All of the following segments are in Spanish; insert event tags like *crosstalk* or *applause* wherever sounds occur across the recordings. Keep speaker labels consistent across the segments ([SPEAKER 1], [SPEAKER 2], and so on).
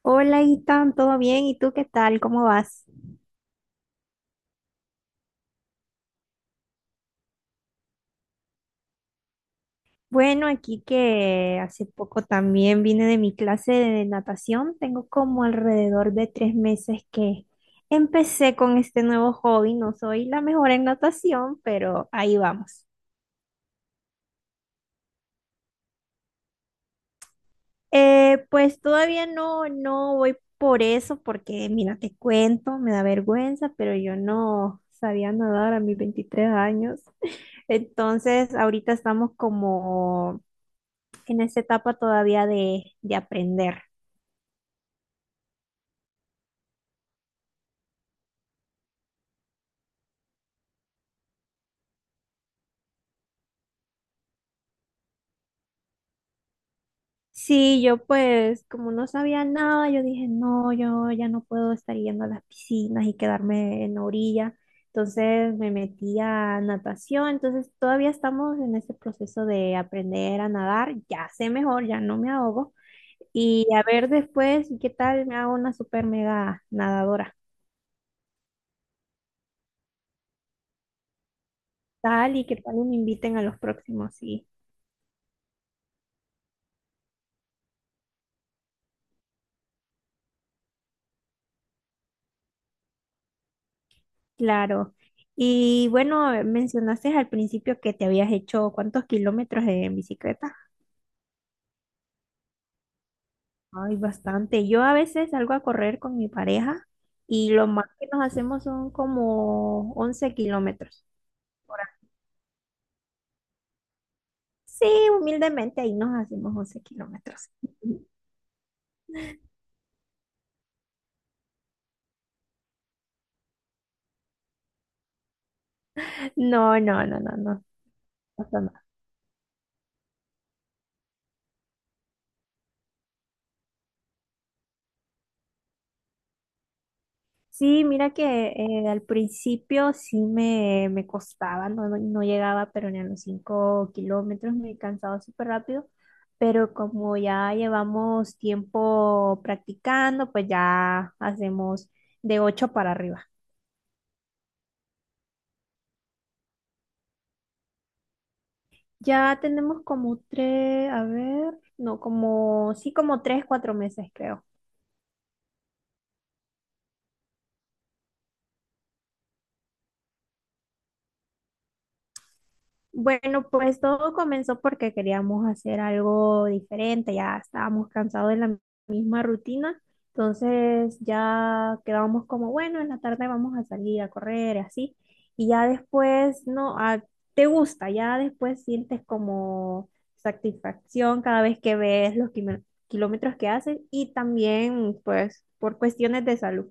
[SPEAKER 1] Hola, Itan, ¿todo bien? ¿Y tú qué tal? ¿Cómo vas? Bueno, aquí que hace poco también vine de mi clase de natación. Tengo como alrededor de 3 meses que empecé con este nuevo hobby. No soy la mejor en natación, pero ahí vamos. Pues todavía no, no voy por eso, porque mira, te cuento, me da vergüenza, pero yo no sabía nadar a mis 23 años. *laughs* Entonces, ahorita estamos como en esa etapa todavía de aprender. Sí, yo pues como no sabía nada, yo dije, no, yo ya no puedo estar yendo a las piscinas y quedarme en la orilla. Entonces me metí a natación, entonces todavía estamos en ese proceso de aprender a nadar, ya sé mejor, ya no me ahogo. Y a ver después qué tal me hago una super mega nadadora, tal y qué tal me inviten a los próximos, sí. Claro. Y bueno, mencionaste al principio que te habías hecho cuántos kilómetros en bicicleta. Ay, bastante. Yo a veces salgo a correr con mi pareja y lo más que nos hacemos son como 11 kilómetros por ahí. Sí, humildemente ahí nos hacemos 11 kilómetros. *laughs* No, no, no, no, no. No, no. Sí, mira que al principio sí me costaba, no, no llegaba, pero ni a los 5 kilómetros me cansaba súper rápido, pero como ya llevamos tiempo practicando, pues ya hacemos de 8 para arriba. Ya tenemos como 3, a ver, no, como, sí, como 3 4 meses creo. Bueno, pues todo comenzó porque queríamos hacer algo diferente, ya estábamos cansados de la misma rutina, entonces ya quedábamos como, bueno, en la tarde vamos a salir a correr y así, y ya después, no, ah, te gusta, ya después sientes como satisfacción cada vez que ves los kilómetros que haces y también pues por cuestiones de salud.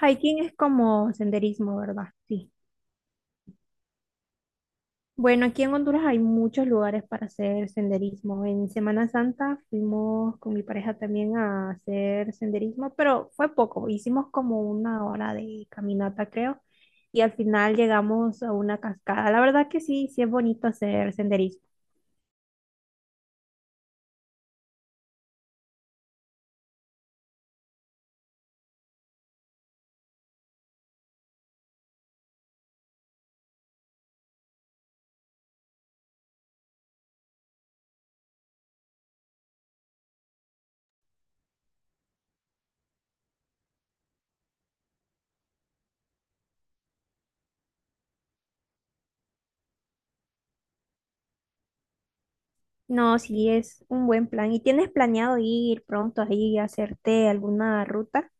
[SPEAKER 1] Hiking es como senderismo, ¿verdad? Sí. Bueno, aquí en Honduras hay muchos lugares para hacer senderismo. En Semana Santa fuimos con mi pareja también a hacer senderismo, pero fue poco. Hicimos como una hora de caminata, creo, y al final llegamos a una cascada. La verdad que sí, sí es bonito hacer senderismo. No, sí es un buen plan. ¿Y tienes planeado ir pronto ahí a hacerte alguna ruta?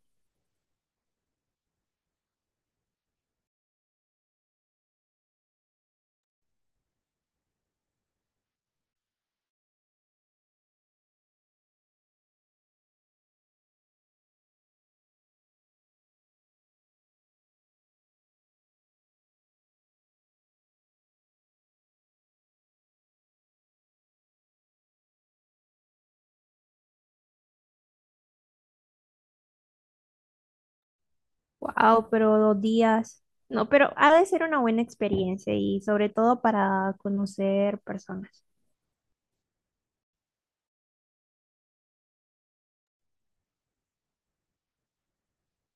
[SPEAKER 1] Wow, pero 2 días. No, pero ha de ser una buena experiencia y sobre todo para conocer personas.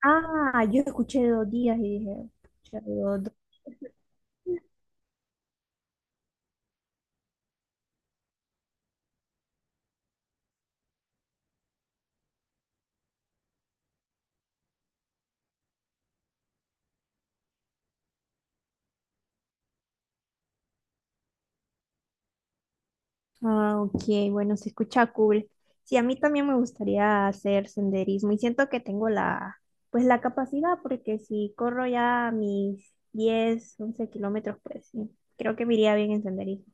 [SPEAKER 1] Ah, yo escuché 2 días y dije, pucha, dos, dos. Ah, ok, bueno, se escucha cool. Sí, a mí también me gustaría hacer senderismo y siento que tengo la, pues la capacidad porque si corro ya mis 10, 11 kilómetros, pues sí, creo que me iría bien en senderismo.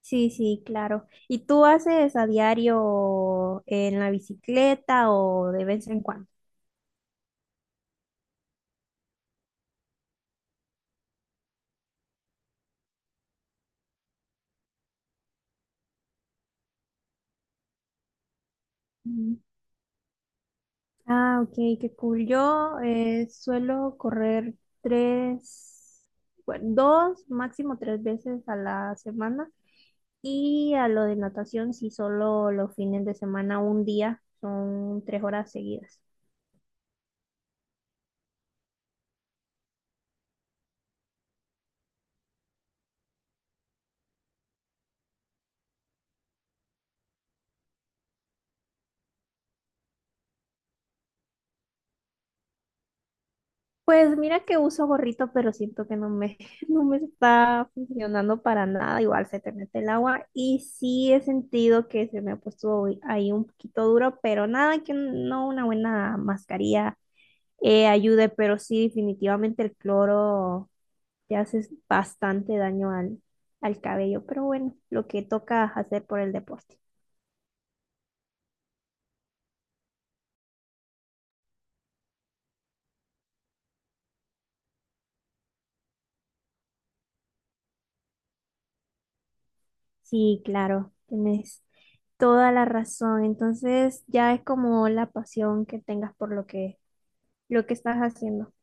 [SPEAKER 1] Sí, sí, claro. ¿Y tú haces a diario en la bicicleta o de vez en cuando? Mm. Ah, ok, qué cool. Yo suelo correr tres, bueno, dos, máximo tres veces a la semana. Y a lo de natación, sí, solo los fines de semana, un día, son 3 horas seguidas. Pues mira que uso gorrito, pero siento que no me, *laughs* no me está funcionando para nada. Igual se te mete el agua y sí he sentido que se me ha puesto ahí un poquito duro, pero nada que no una buena mascarilla ayude, pero sí definitivamente el cloro te hace bastante daño al cabello. Pero bueno, lo que toca hacer por el deporte. Sí, claro, tienes toda la razón. Entonces ya es como la pasión que tengas por lo que estás haciendo.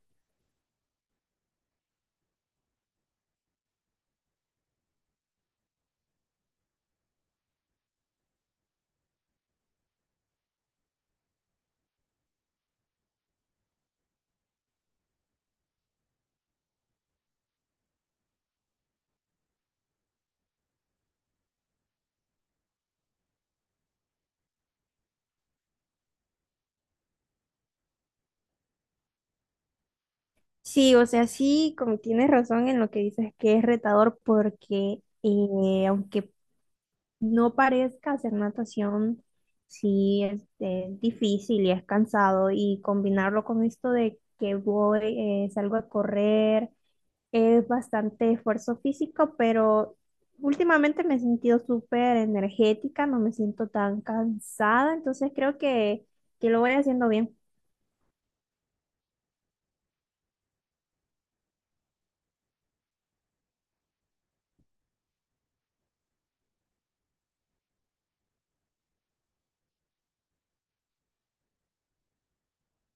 [SPEAKER 1] Sí, o sea, sí, como tienes razón en lo que dices que es retador porque aunque no parezca hacer natación, sí es difícil y es cansado y combinarlo con esto de que voy, salgo a correr, es bastante esfuerzo físico, pero últimamente me he sentido súper energética, no me siento tan cansada, entonces creo que lo voy haciendo bien.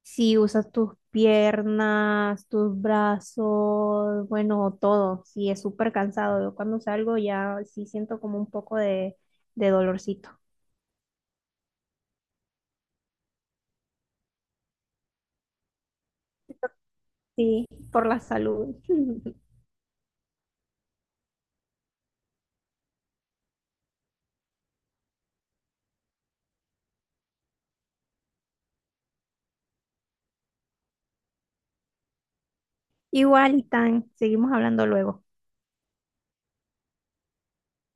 [SPEAKER 1] Si usas tus piernas, tus brazos, bueno, todo. Si es súper cansado. Yo cuando salgo ya sí siento como un poco de dolorcito. Sí, por la salud. *laughs* Igual, Tan, seguimos hablando luego.